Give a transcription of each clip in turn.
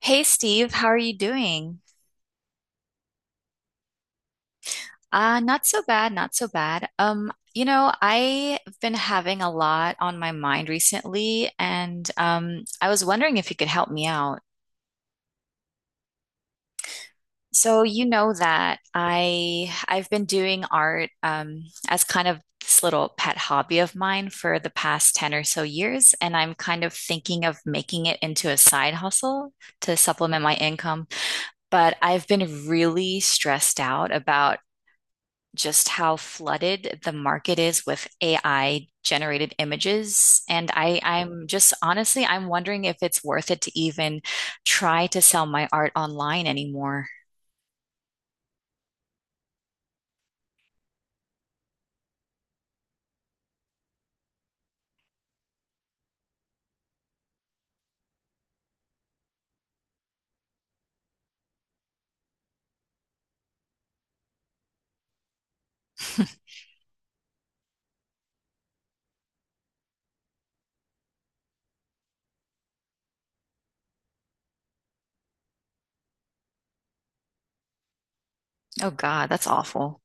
Hey Steve, how are you doing? Not so bad, not so bad. I've been having a lot on my mind recently, and I was wondering if you could help me out. So you know that I've been doing art as kind of this little pet hobby of mine for the past 10 years or so years, and I'm kind of thinking of making it into a side hustle to supplement my income, but I've been really stressed out about just how flooded the market is with AI generated images. And I'm just honestly, I'm wondering if it's worth it to even try to sell my art online anymore. Oh God, that's awful.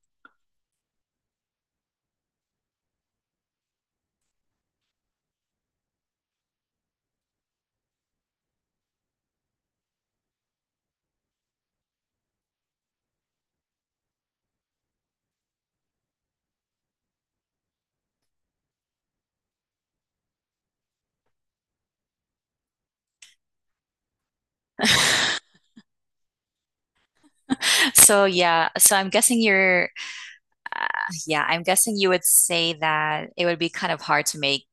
So yeah, so I'm guessing you're, uh, yeah, I'm guessing you would say that it would be kind of hard to make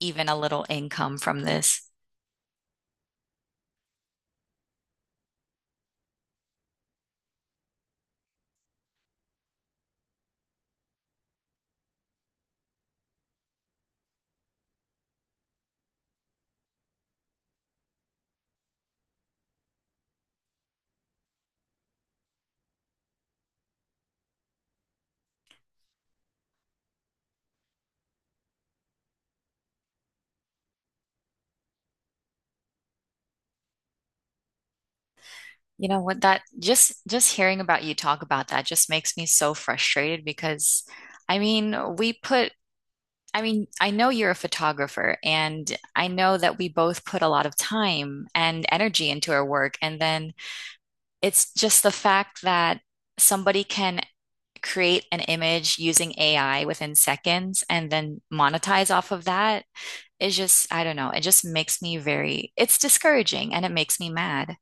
even a little income from this. You know what that just hearing about you talk about that just makes me so frustrated because I mean, we put I mean, I know you're a photographer, and I know that we both put a lot of time and energy into our work. And then it's just the fact that somebody can create an image using AI within seconds and then monetize off of that is just, I don't know, it just makes me very, it's discouraging and it makes me mad.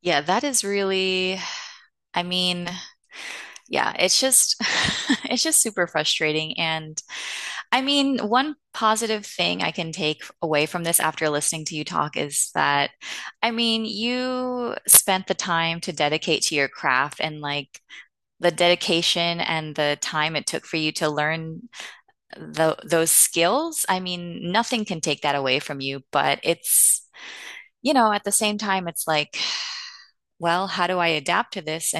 Yeah, that is really, I mean, yeah, it's just, it's just super frustrating. And I mean, one positive thing I can take away from this after listening to you talk is that, I mean, you spent the time to dedicate to your craft and like the dedication and the time it took for you to learn those skills. I mean, nothing can take that away from you, but it's, you know, at the same time, it's like, well, how do I adapt to this?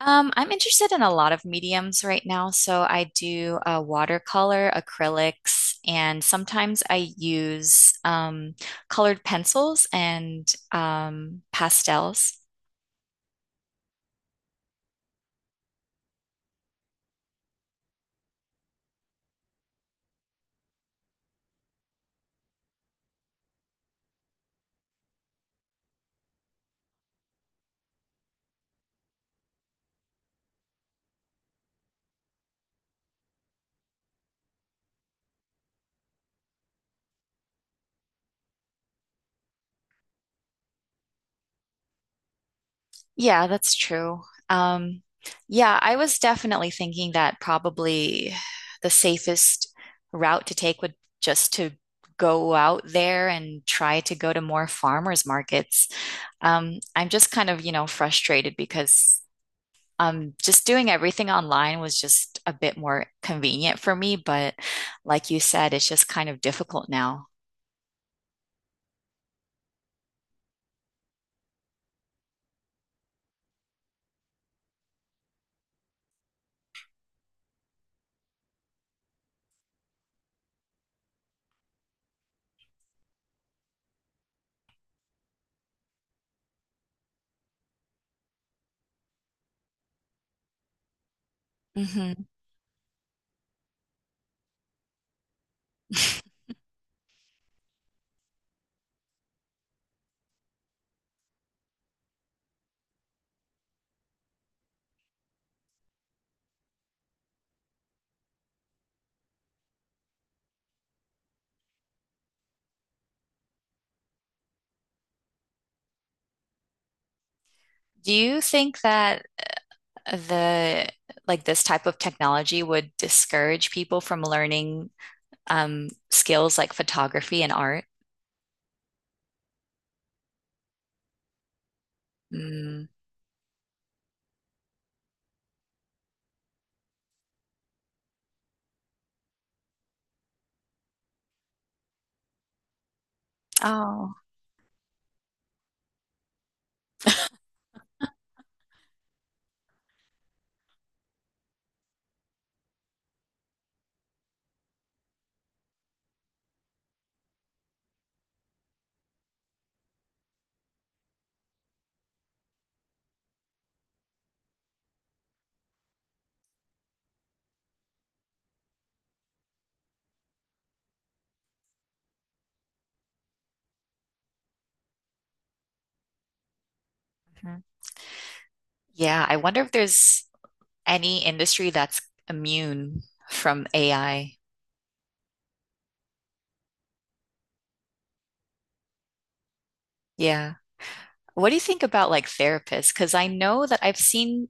I'm interested in a lot of mediums right now. So I do watercolor, acrylics, and sometimes I use colored pencils and pastels. Yeah, that's true. Um, yeah, I was definitely thinking that probably the safest route to take would just to go out there and try to go to more farmers markets. I'm just kind of, you know, frustrated because just doing everything online was just a bit more convenient for me. But like you said, it's just kind of difficult now. Hmm. Do you think that the like this type of technology would discourage people from learning skills like photography and art? Mm. Oh. Mhm. Yeah. I wonder if there's any industry that's immune from AI. Yeah. What do you think about like therapists? Because I know that I've seen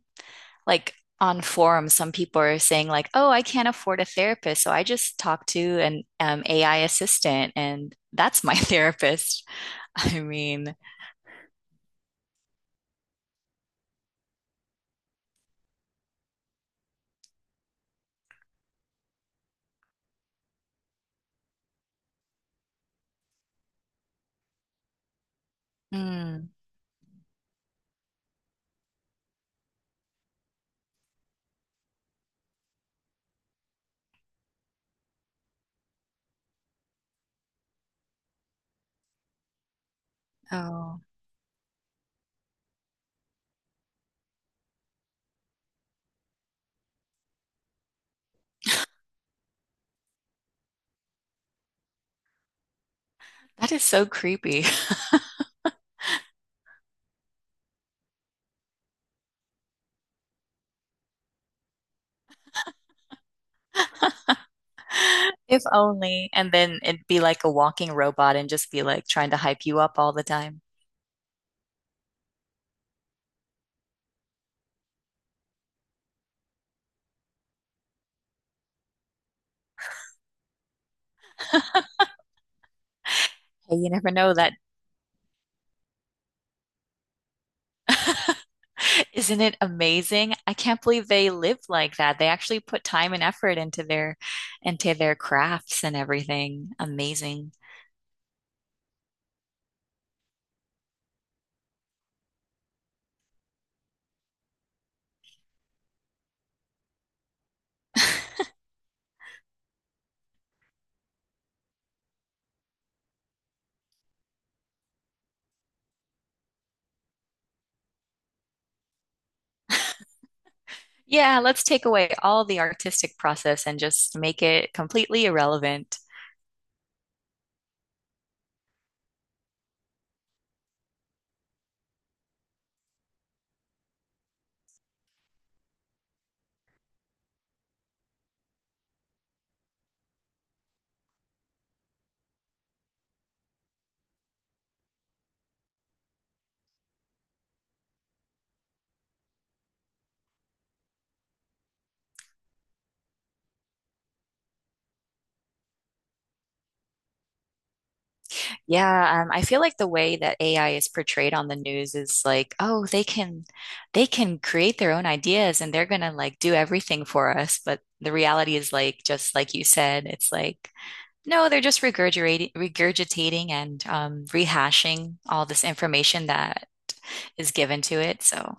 like on forums, some people are saying like, "Oh, I can't afford a therapist, so I just talk to an AI assistant, and that's my therapist." I mean, mm, oh, that is so creepy. If only, and then it'd be like a walking robot and just be like trying to hype you up all the time. Hey, you never know that. Isn't it amazing? I can't believe they live like that. They actually put time and effort into their crafts and everything. Amazing. Yeah, let's take away all the artistic process and just make it completely irrelevant. Yeah, I feel like the way that AI is portrayed on the news is like, oh, they can create their own ideas and they're gonna like do everything for us. But the reality is like just like you said, it's like no, they're just regurgitating and rehashing all this information that is given to it. So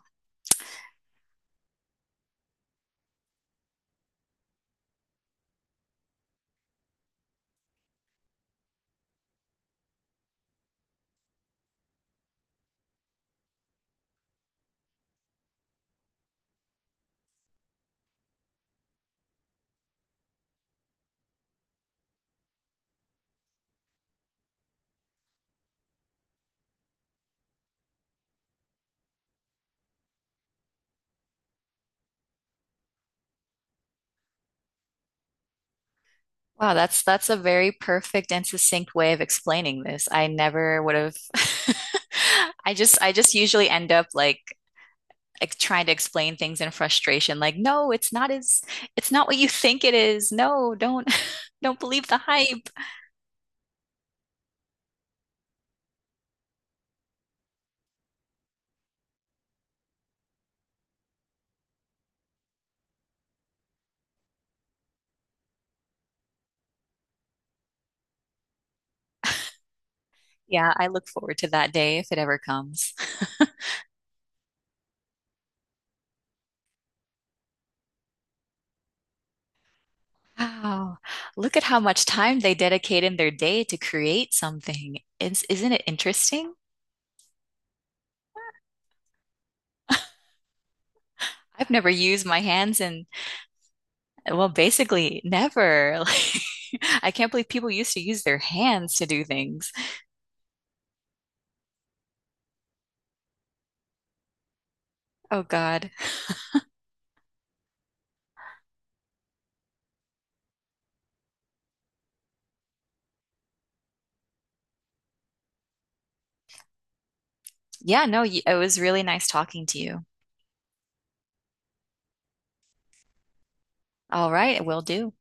wow, that's a very perfect and succinct way of explaining this. I never would have I just usually end up like trying to explain things in frustration, like, no, it's not as it's not what you think it is. No, don't don't believe the hype. Yeah, I look forward to that day if it ever comes. Wow. Look at how much time they dedicate in their day to create something. It's, isn't it interesting? I've never used my hands in, well, basically, never. Like, I can't believe people used to use their hands to do things. Oh, God. Yeah, no, it was really nice talking to you. All right, will do.